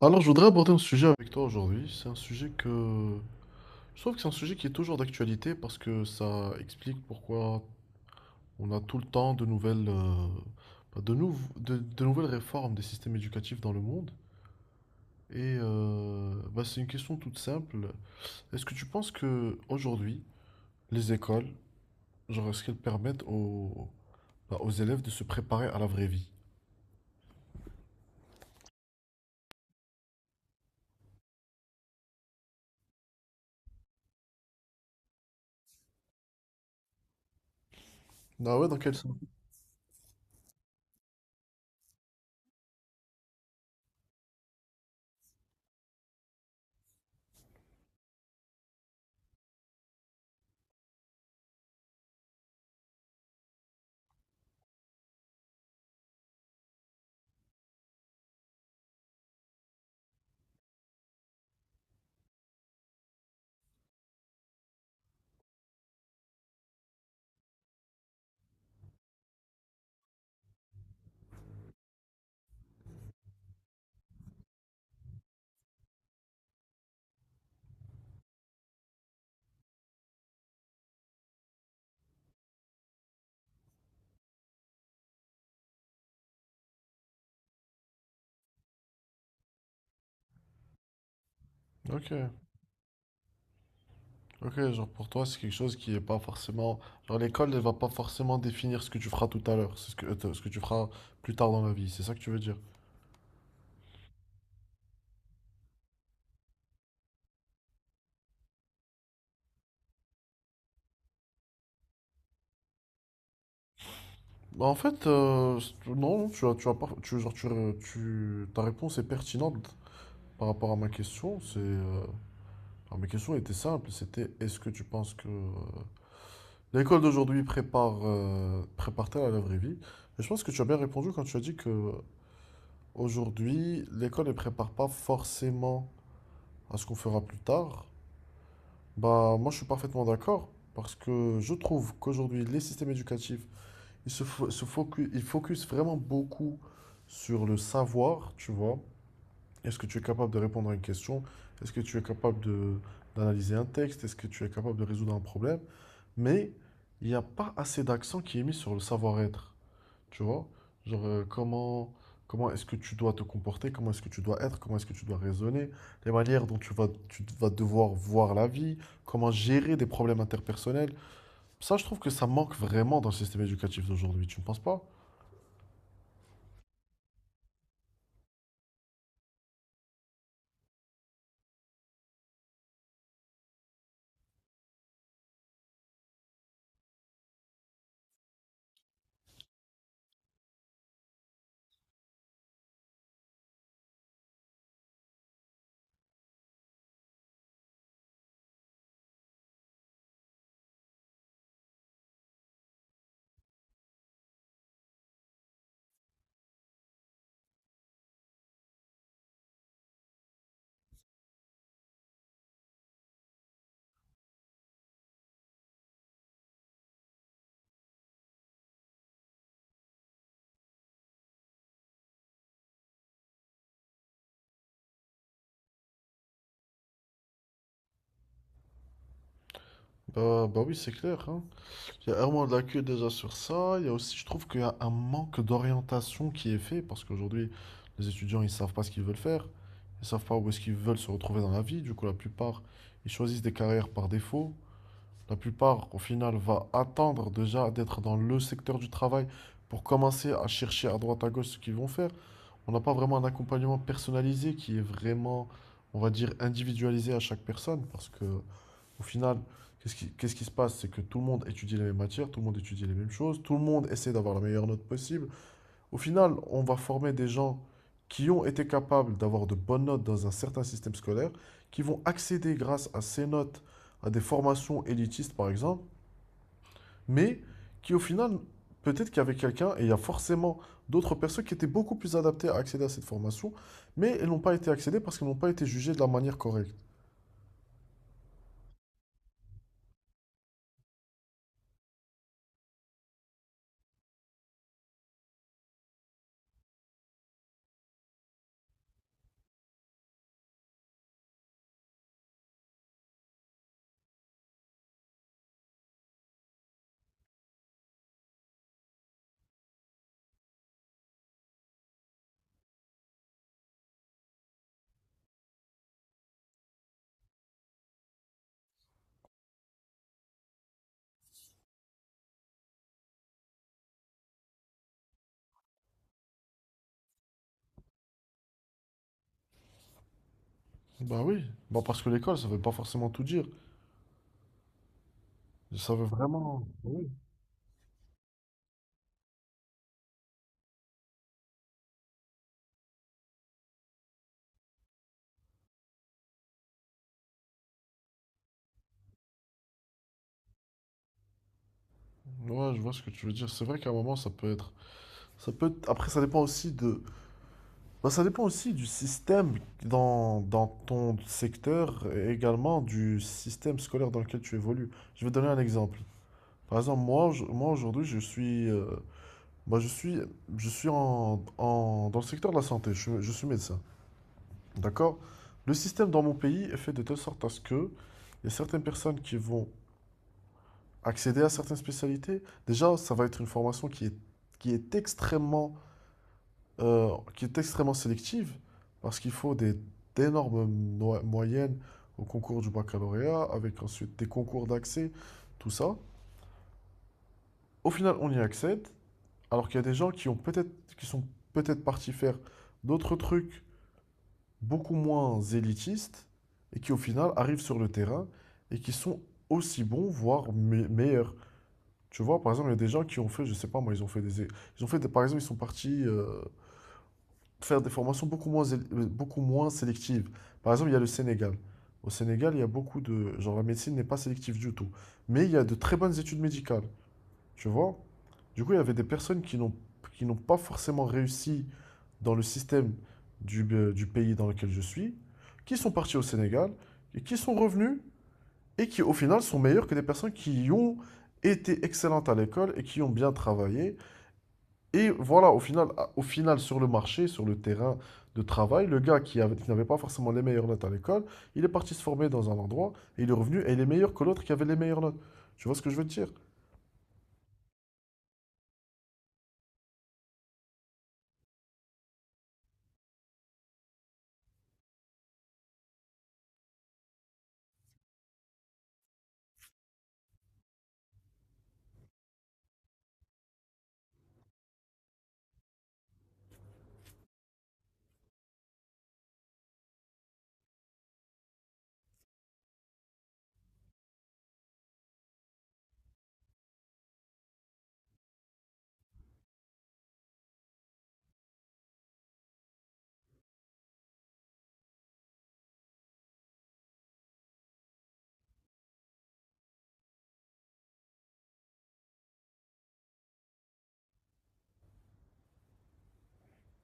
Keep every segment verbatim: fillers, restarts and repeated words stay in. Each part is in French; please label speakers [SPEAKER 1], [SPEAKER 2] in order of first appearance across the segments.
[SPEAKER 1] Alors, je voudrais aborder un sujet avec toi aujourd'hui. C'est un sujet que... Je trouve que c'est un sujet qui est toujours d'actualité parce que ça explique pourquoi on a tout le temps de nouvelles, euh, bah, de nou- de, de nouvelles réformes des systèmes éducatifs dans le monde. Et euh, bah, c'est une question toute simple. Est-ce que tu penses que aujourd'hui, les écoles, genre, est-ce qu'elles permettent aux, bah, aux élèves de se préparer à la vraie vie? Ah ouais, dans quel sens? Ok. Ok, genre pour toi, c'est quelque chose qui est pas forcément. Genre l'école, elle va pas forcément définir ce que tu feras tout à l'heure, c'est ce que, euh, ce que tu feras plus tard dans la vie, c'est ça que tu veux dire? Bah, en fait, euh, non, non, tu as, tu as pas, tu, genre, tu, tu- ta réponse est pertinente par rapport à ma question. C'est, euh, alors, mes questions étaient simples, c'était est-ce que tu penses que euh, l'école d'aujourd'hui prépare, euh, prépare-t-elle à la vraie vie? Et je pense que tu as bien répondu quand tu as dit que aujourd'hui, l'école ne prépare pas forcément à ce qu'on fera plus tard. Bah, moi, je suis parfaitement d'accord parce que je trouve qu'aujourd'hui, les systèmes éducatifs, ils se, fo- se focus, ils focus vraiment beaucoup sur le savoir, tu vois. Est-ce que tu es capable de répondre à une question? Est-ce que tu es capable de, d'analyser un texte? Est-ce que tu es capable de résoudre un problème? Mais il n'y a pas assez d'accent qui est mis sur le savoir-être. Tu vois? Genre, euh, comment, comment est-ce que tu dois te comporter, comment est-ce que tu dois être, comment est-ce que tu dois raisonner, les manières dont tu vas, tu vas devoir voir la vie, comment gérer des problèmes interpersonnels. Ça, je trouve que ça manque vraiment dans le système éducatif d'aujourd'hui, tu ne penses pas? Bah, bah oui, c'est clair, hein. Il y a vraiment de la queue déjà sur ça. Il y a aussi, je trouve qu'il y a un manque d'orientation qui est fait parce qu'aujourd'hui, les étudiants, ils savent pas ce qu'ils veulent faire. Ils savent pas où est-ce qu'ils veulent se retrouver dans la vie. Du coup, la plupart, ils choisissent des carrières par défaut. La plupart, au final, va attendre déjà d'être dans le secteur du travail pour commencer à chercher à droite à gauche ce qu'ils vont faire. On n'a pas vraiment un accompagnement personnalisé qui est vraiment, on va dire, individualisé à chaque personne parce que, au final, qu'est-ce qui, qu'est-ce qui se passe? C'est que tout le monde étudie les mêmes matières, tout le monde étudie les mêmes choses, tout le monde essaie d'avoir la meilleure note possible. Au final, on va former des gens qui ont été capables d'avoir de bonnes notes dans un certain système scolaire, qui vont accéder grâce à ces notes à des formations élitistes, par exemple, mais qui au final, peut-être qu'il y avait quelqu'un, et il y a forcément d'autres personnes qui étaient beaucoup plus adaptées à accéder à cette formation, mais elles n'ont pas été accédées parce qu'elles n'ont pas été jugées de la manière correcte. Bah oui, bah parce que l'école, ça veut pas forcément tout dire. Ça veut vraiment... Oui. Ouais, je vois ce que tu veux dire. C'est vrai qu'à un moment, ça peut être... Ça peut être- Après, ça dépend aussi de... Bah, ça dépend aussi du système dans, dans ton secteur et également du système scolaire dans lequel tu évolues. Je vais donner un exemple. Par exemple, moi, je- moi aujourd'hui, je suis... euh, bah, je suis, je suis en, en- dans le secteur de la santé, je, suis- je suis médecin. D'accord? Le système dans mon pays est fait de telle sorte à ce que il y a certaines personnes qui vont accéder à certaines spécialités. Déjà, ça va être une formation qui est, qui est extrêmement, euh, qui est extrêmement sélective parce qu'il faut des, d'énormes no- moyennes au concours du baccalauréat avec ensuite des concours d'accès, tout ça. Au final, on y accède alors qu'il y a des gens qui ont peut-être, qui sont peut-être partis faire d'autres trucs beaucoup moins élitistes et qui au final arrivent sur le terrain et qui sont aussi bons, voire me- meilleurs. Tu vois, par exemple, il y a des gens qui ont fait, je sais pas moi, ils ont fait des, é- ils ont fait des, par exemple, ils sont partis euh, faire des formations beaucoup moins, él- euh, beaucoup moins sélectives. Par exemple, il y a le Sénégal. Au Sénégal, il y a beaucoup de, genre la médecine n'est pas sélective du tout, mais il y a de très bonnes études médicales. Tu vois? Du coup, il y avait des personnes qui n'ont qui n'ont pas forcément réussi dans le système du, euh, du pays dans lequel je suis, qui sont partis au Sénégal, et qui sont revenus, et qui au final sont meilleurs que des personnes qui ont été excellentes à l'école et qui ont bien travaillé. Et voilà, au final, au final sur le marché, sur le terrain de travail, le gars qui avait- qui n'avait pas forcément les meilleures notes à l'école, il est parti se former dans un endroit, et il est revenu, et il est meilleur que l'autre qui avait les meilleures notes. Tu vois ce que je veux te dire?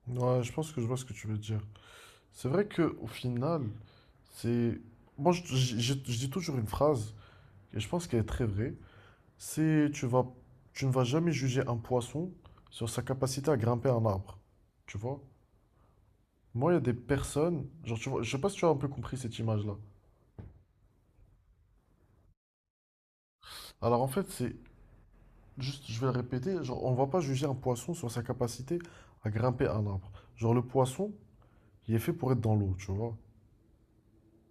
[SPEAKER 1] Ouais, je pense que je vois ce que tu veux dire. C'est vrai que au final, c'est moi je, je- je- je dis toujours une phrase et je pense qu'elle est très vraie. C'est tu vas tu ne vas jamais juger un poisson sur sa capacité à grimper un arbre. Tu vois? Moi, il y a des personnes, genre tu vois, je sais pas si tu as un peu compris cette image-là. Alors en fait, c'est juste je vais le répéter, genre on va pas juger un poisson sur sa capacité à grimper un arbre. Genre le poisson, il est fait pour être dans l'eau, tu vois?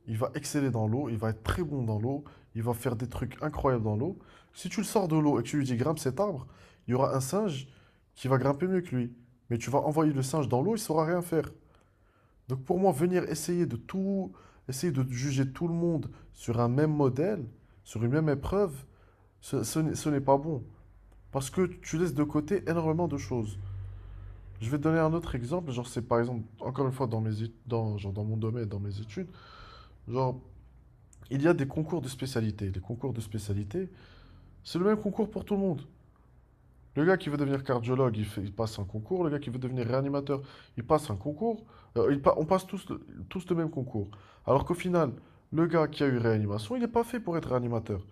[SPEAKER 1] Il va exceller dans l'eau, il va être très bon dans l'eau, il va faire des trucs incroyables dans l'eau. Si tu le sors de l'eau et que tu lui dis grimpe cet arbre, il y aura un singe qui va grimper mieux que lui. Mais tu vas envoyer le singe dans l'eau, il ne saura rien faire. Donc pour moi, venir essayer de tout, essayer de juger tout le monde sur un même modèle, sur une même épreuve, ce, ce n'est ce n'est pas bon. Parce que tu laisses de côté énormément de choses. Je vais te donner un autre exemple, genre c'est par exemple, encore une fois, dans mes, dans, genre dans mon domaine, dans mes études, genre il y a des concours de spécialité. Les concours de spécialité, c'est le même concours pour tout le monde. Le gars qui veut devenir cardiologue, il, fait- il passe un concours. Le gars qui veut devenir réanimateur, il passe un concours. Euh, il pa- on passe tous le, tous le même concours. Alors qu'au final, le gars qui a eu réanimation, il n'est pas fait pour être réanimateur.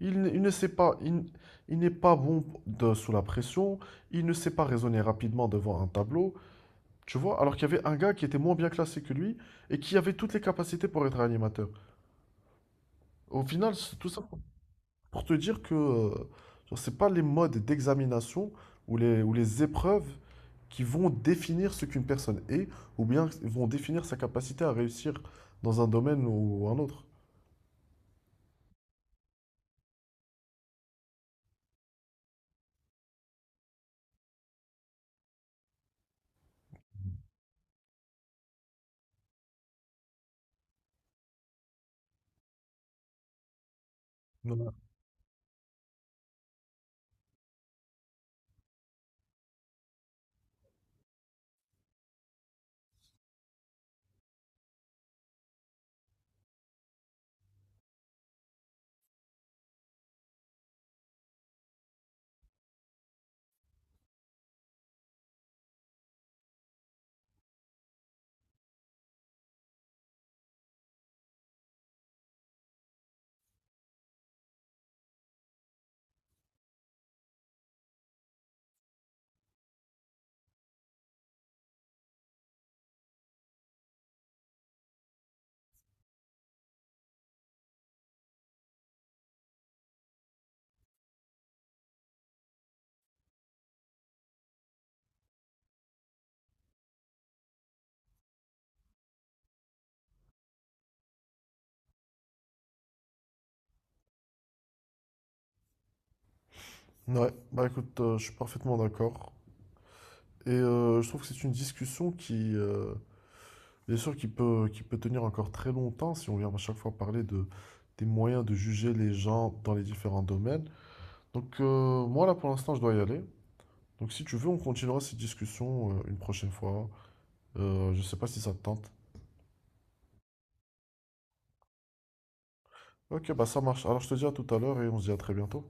[SPEAKER 1] Il, ne- il ne sait pas, il, n- il n'est pas bon de- sous la pression. Il ne sait pas raisonner rapidement devant un tableau. Tu vois, alors qu'il y avait un gars qui était moins bien classé que lui et qui avait toutes les capacités pour être réanimateur. Au final, c'est tout ça. Pour te dire que euh, genre, c'est pas les modes d'examination ou les, ou les épreuves qui vont définir ce qu'une personne est, ou bien vont définir sa capacité à réussir dans un domaine ou un autre. Ouais, ouais, bah écoute, euh, je suis parfaitement d'accord. Et euh, je trouve que c'est une discussion qui, euh, bien sûr, qui peut, qui peut tenir encore très longtemps si on vient à chaque fois parler de, des moyens de juger les gens dans les différents domaines. Donc euh, moi là pour l'instant je dois y aller. Donc si tu veux, on continuera cette discussion euh, une prochaine fois. Euh, je sais pas si ça te tente. Ok, bah ça marche. Alors je te dis à tout à l'heure et on se dit à très bientôt.